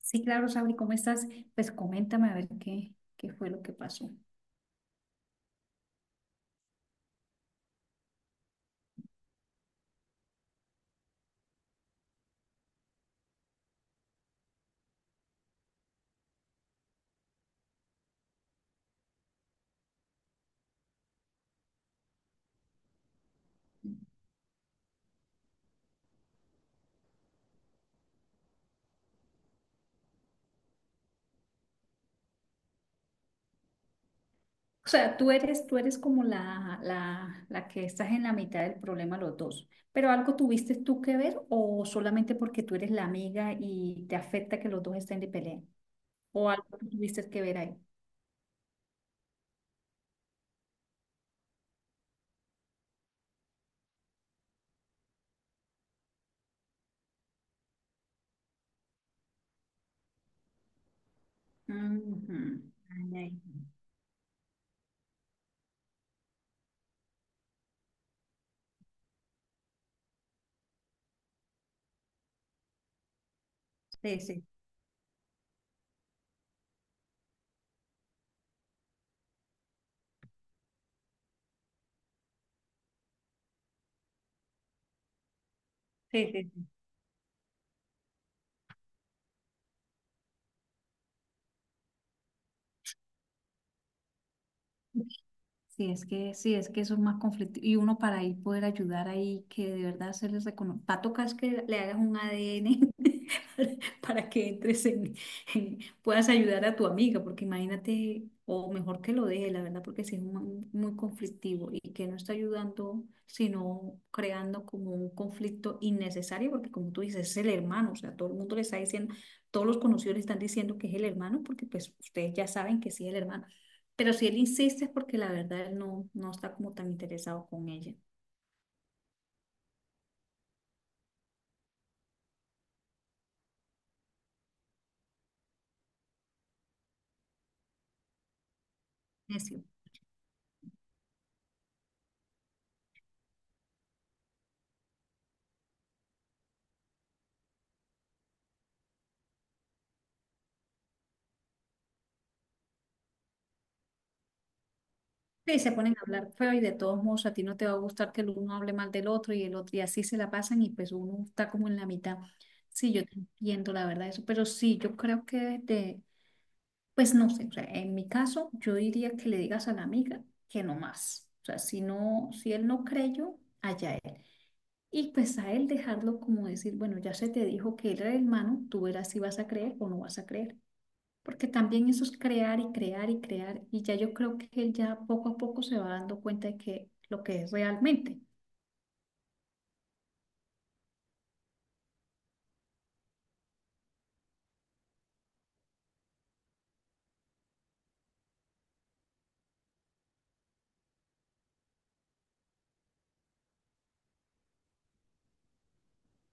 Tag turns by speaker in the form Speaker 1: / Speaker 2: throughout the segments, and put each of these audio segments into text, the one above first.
Speaker 1: Sí, claro, Sabri, ¿cómo estás? Pues coméntame a ver qué fue lo que pasó. O sea, tú eres como la que estás en la mitad del problema los dos, pero ¿algo tuviste tú que ver o solamente porque tú eres la amiga y te afecta que los dos estén de pelea? ¿O algo tú tuviste que ver ahí? Ujú. Ay, ay. Sí, sí, sí, sí. Sí. Sí, es que eso es más conflictivo. Y uno para ahí poder ayudar ahí, que de verdad se les reconozca. Va a tocar es que le hagas un ADN para que entres en, puedas ayudar a tu amiga, porque imagínate, o mejor que lo deje, la verdad, porque sí es muy muy conflictivo y que no está ayudando, sino creando como un conflicto innecesario, porque como tú dices, es el hermano, o sea, todo el mundo le está diciendo, todos los conocidos le están diciendo que es el hermano, porque pues ustedes ya saben que sí es el hermano, pero si él insiste es porque la verdad él no está como tan interesado con ella. Necio. Sí, se ponen a hablar feo y de todos modos a ti no te va a gustar que el uno hable mal del otro y el otro y así se la pasan y pues uno está como en la mitad. Sí, yo te entiendo la verdad eso, pero sí, yo creo que de, pues no sé, o sea, en mi caso yo diría que le digas a la amiga que no más. O sea, si no, si él no creyó, allá él. Y pues a él dejarlo como decir, bueno, ya se te dijo que él era el hermano, tú verás si vas a creer o no vas a creer. Porque también eso es crear y crear y crear. Y ya yo creo que él ya poco a poco se va dando cuenta de que lo que es realmente.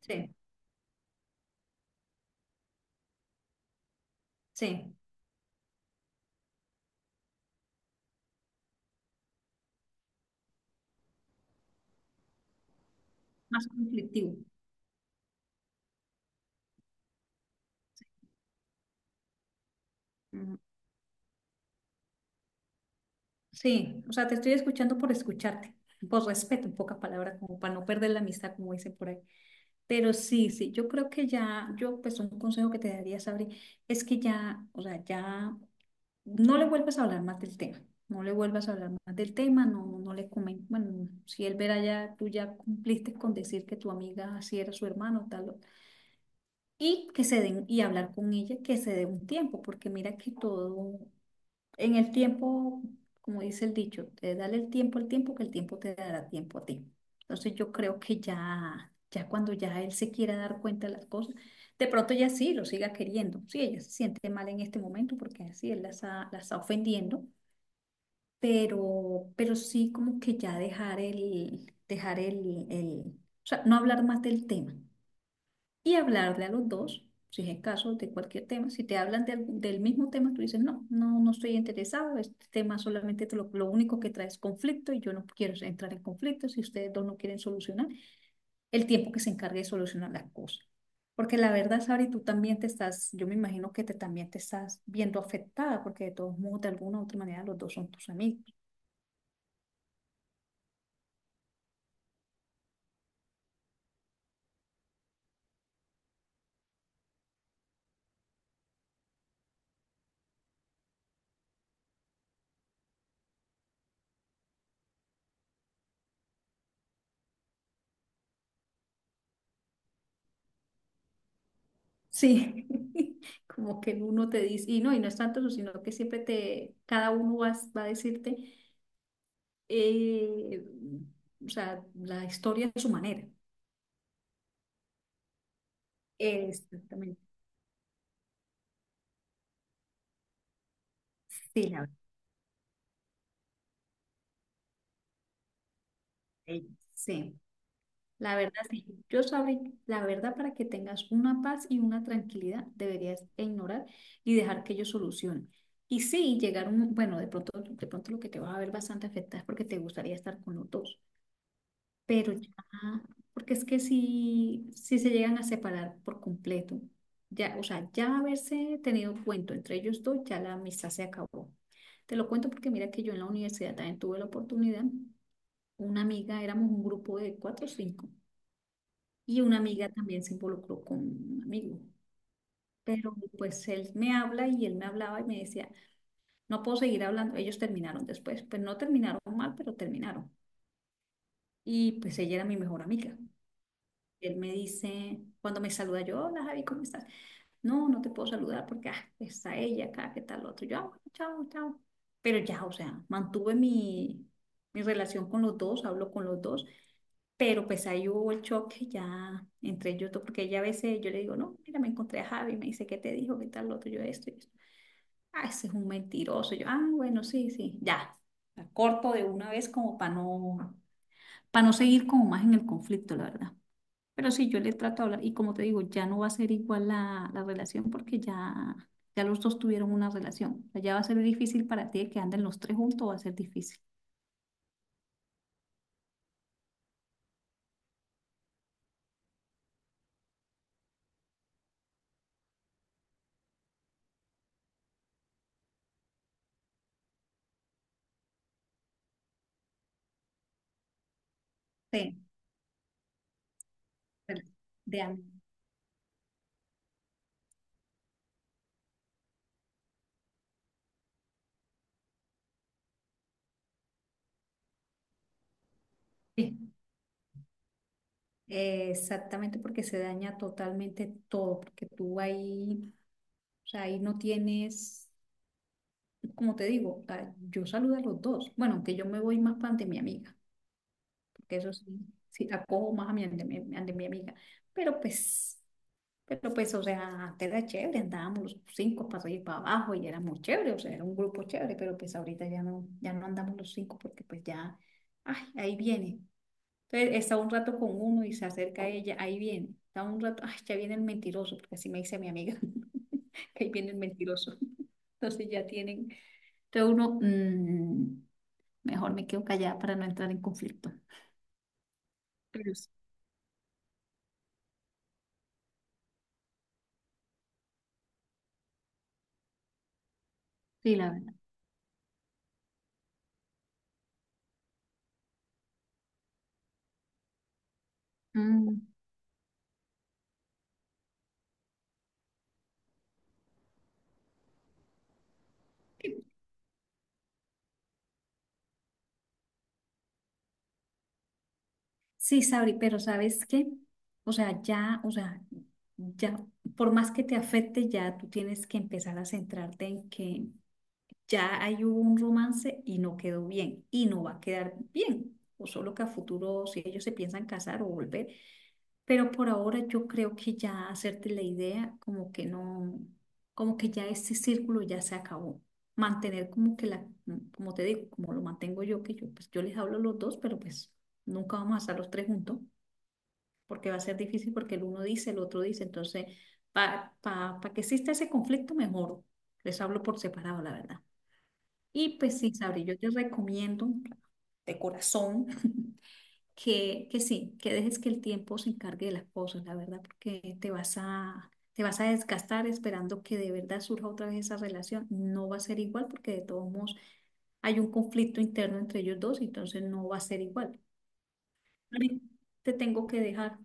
Speaker 1: Sí, sí, más conflictivo. Ujú, sí. O sea, te estoy escuchando por escucharte, por respeto, en pocas palabras, como para no perder la amistad, como dicen por ahí. Pero sí, sí, yo creo que ya, yo pues un consejo que te daría, Sabri, es que ya, o sea, ya no le vuelvas a hablar más del tema, no le vuelvas a hablar más del tema, no, no le comentes, bueno, si él verá ya, tú ya cumpliste con decir que tu amiga así era su hermano, tal, y que se den, y hablar con ella, que se dé un tiempo, porque mira que todo, en el tiempo, como dice el dicho, te dale el tiempo al tiempo, que el tiempo te dará tiempo a ti. Entonces yo creo que ya, ya cuando ya él se quiera dar cuenta de las cosas, de pronto ella sí lo siga queriendo. Sí, ella se siente mal en este momento porque así él la está ofendiendo, pero sí como que ya dejar el, o sea, no hablar más del tema y hablarle a los dos, si es el caso, de cualquier tema. Si te hablan del mismo tema, tú dices, no, no, no estoy interesado, este tema solamente te lo único que trae es conflicto y yo no quiero entrar en conflicto si ustedes dos no quieren solucionar, el tiempo que se encargue de solucionar las cosas. Porque la verdad, Sabri, tú también te estás, yo me imagino que te, también te estás viendo afectada, porque de todos modos, de alguna u otra manera, los dos son tus amigos. Sí, como que uno te dice, y no es tanto eso, sino que siempre te, cada uno va, va a decirte, eh, o sea, la historia de su manera. Exactamente. Sí, la verdad. eh, Sí, la verdad, sí. Yo sabré, la verdad, para que tengas una paz y una tranquilidad, deberías ignorar y dejar que ellos solucionen. Y sí, llegar un, bueno, de pronto lo que te vas a ver bastante afectado es porque te gustaría estar con los dos. Pero ya, porque es que si, si se llegan a separar por completo, ya, o sea, ya haberse tenido un cuento entre ellos dos, ya la amistad se acabó. Te lo cuento porque mira que yo en la universidad también tuve la oportunidad, una amiga, éramos un grupo de cuatro o cinco, y una amiga también se involucró con un amigo. Pero pues él me habla y él me hablaba y me decía, no puedo seguir hablando. Ellos terminaron después, pues no terminaron mal, pero terminaron. Y pues ella era mi mejor amiga. Él me dice, cuando me saluda yo, hola Javi, ¿cómo estás? No, no te puedo saludar porque ah, está ella acá, ¿qué tal otro? Yo, ah, bueno, chao, chao. Pero ya, o sea, mi relación con los dos, hablo con los dos, pero pues ahí hubo el choque ya entre ellos dos, porque ella a veces yo le digo, no, mira, me encontré a Javi, me dice, ¿qué te dijo? ¿Qué tal otro? Yo esto y esto. Ah, ese es un mentiroso. Yo, ah, bueno, sí, sí, ya. La corto de una vez como para no seguir como más en el conflicto, la verdad. Pero sí, yo le trato de hablar y como te digo, ya no va a ser igual la relación porque ya, ya los dos tuvieron una relación. O sea, ya va a ser difícil para ti que anden los tres juntos, va a ser difícil. Sí, de de ambos. Sí. Exactamente, porque se daña totalmente todo, porque tú ahí, o sea, ahí no tienes, como te digo, o sea, yo saludo a los dos. Bueno, aunque yo me voy más para ante mi amiga. Que eso sí, sí la cojo más a mi, ante mi amiga. Pero pues, pero pues, o sea, antes era chévere, andábamos los cinco para arriba para abajo y éramos chévere, o sea, era un grupo chévere, pero pues ahorita ya no, ya no andamos los cinco porque pues ya, ay, ahí viene. Entonces está un rato con uno y se acerca a ella, ahí viene. Está un rato, ay, ya viene el mentiroso, porque así me dice mi amiga, que ahí viene el mentiroso. Entonces ya tienen, entonces uno, mejor me quedo callada para no entrar en conflicto. Pero sí, la verdad. Mm, Sí, Sabri, pero ¿sabes qué? O sea, ya, por más que te afecte, ya tú tienes que empezar a centrarte en que ya hay un romance y no quedó bien y no va a quedar bien, o solo que a futuro si ellos se piensan casar o volver, pero por ahora yo creo que ya hacerte la idea como que no, como que ya ese círculo ya se acabó. Mantener como que la, como te digo, como lo mantengo yo, que yo pues yo les hablo a los dos, pero pues nunca vamos a estar los tres juntos, porque va a ser difícil porque el uno dice, el otro dice, entonces para pa, pa pa que exista ese conflicto mejor, les hablo por separado, la verdad. Y pues sí, Sabri, yo te recomiendo de corazón que sí, que dejes que el tiempo se encargue de las cosas, la verdad, porque te vas a desgastar esperando que de verdad surja otra vez esa relación. No va a ser igual porque de todos modos hay un conflicto interno entre ellos dos, entonces no va a ser igual. Ari, te tengo que dejar.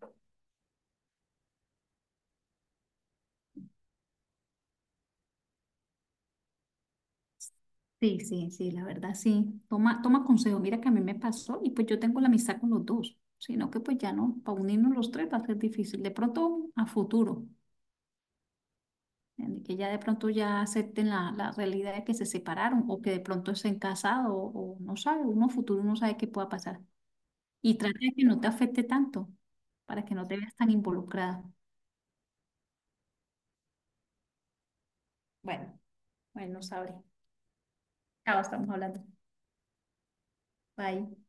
Speaker 1: Sí, sí, sí, la verdad sí. Toma, toma consejo, mira que a mí me pasó y pues yo tengo la amistad con los dos, sino que pues ya no, para unirnos los tres va a ser difícil, de pronto a futuro, ¿entiendes? Que ya de pronto ya acepten la realidad de que se separaron o que de pronto estén casados o no sabe, uno futuro no sabe qué pueda pasar. Y trata de que no te afecte tanto, para que no te veas tan involucrada. Bueno, bueno, sabré. Chao, estamos hablando. Bye.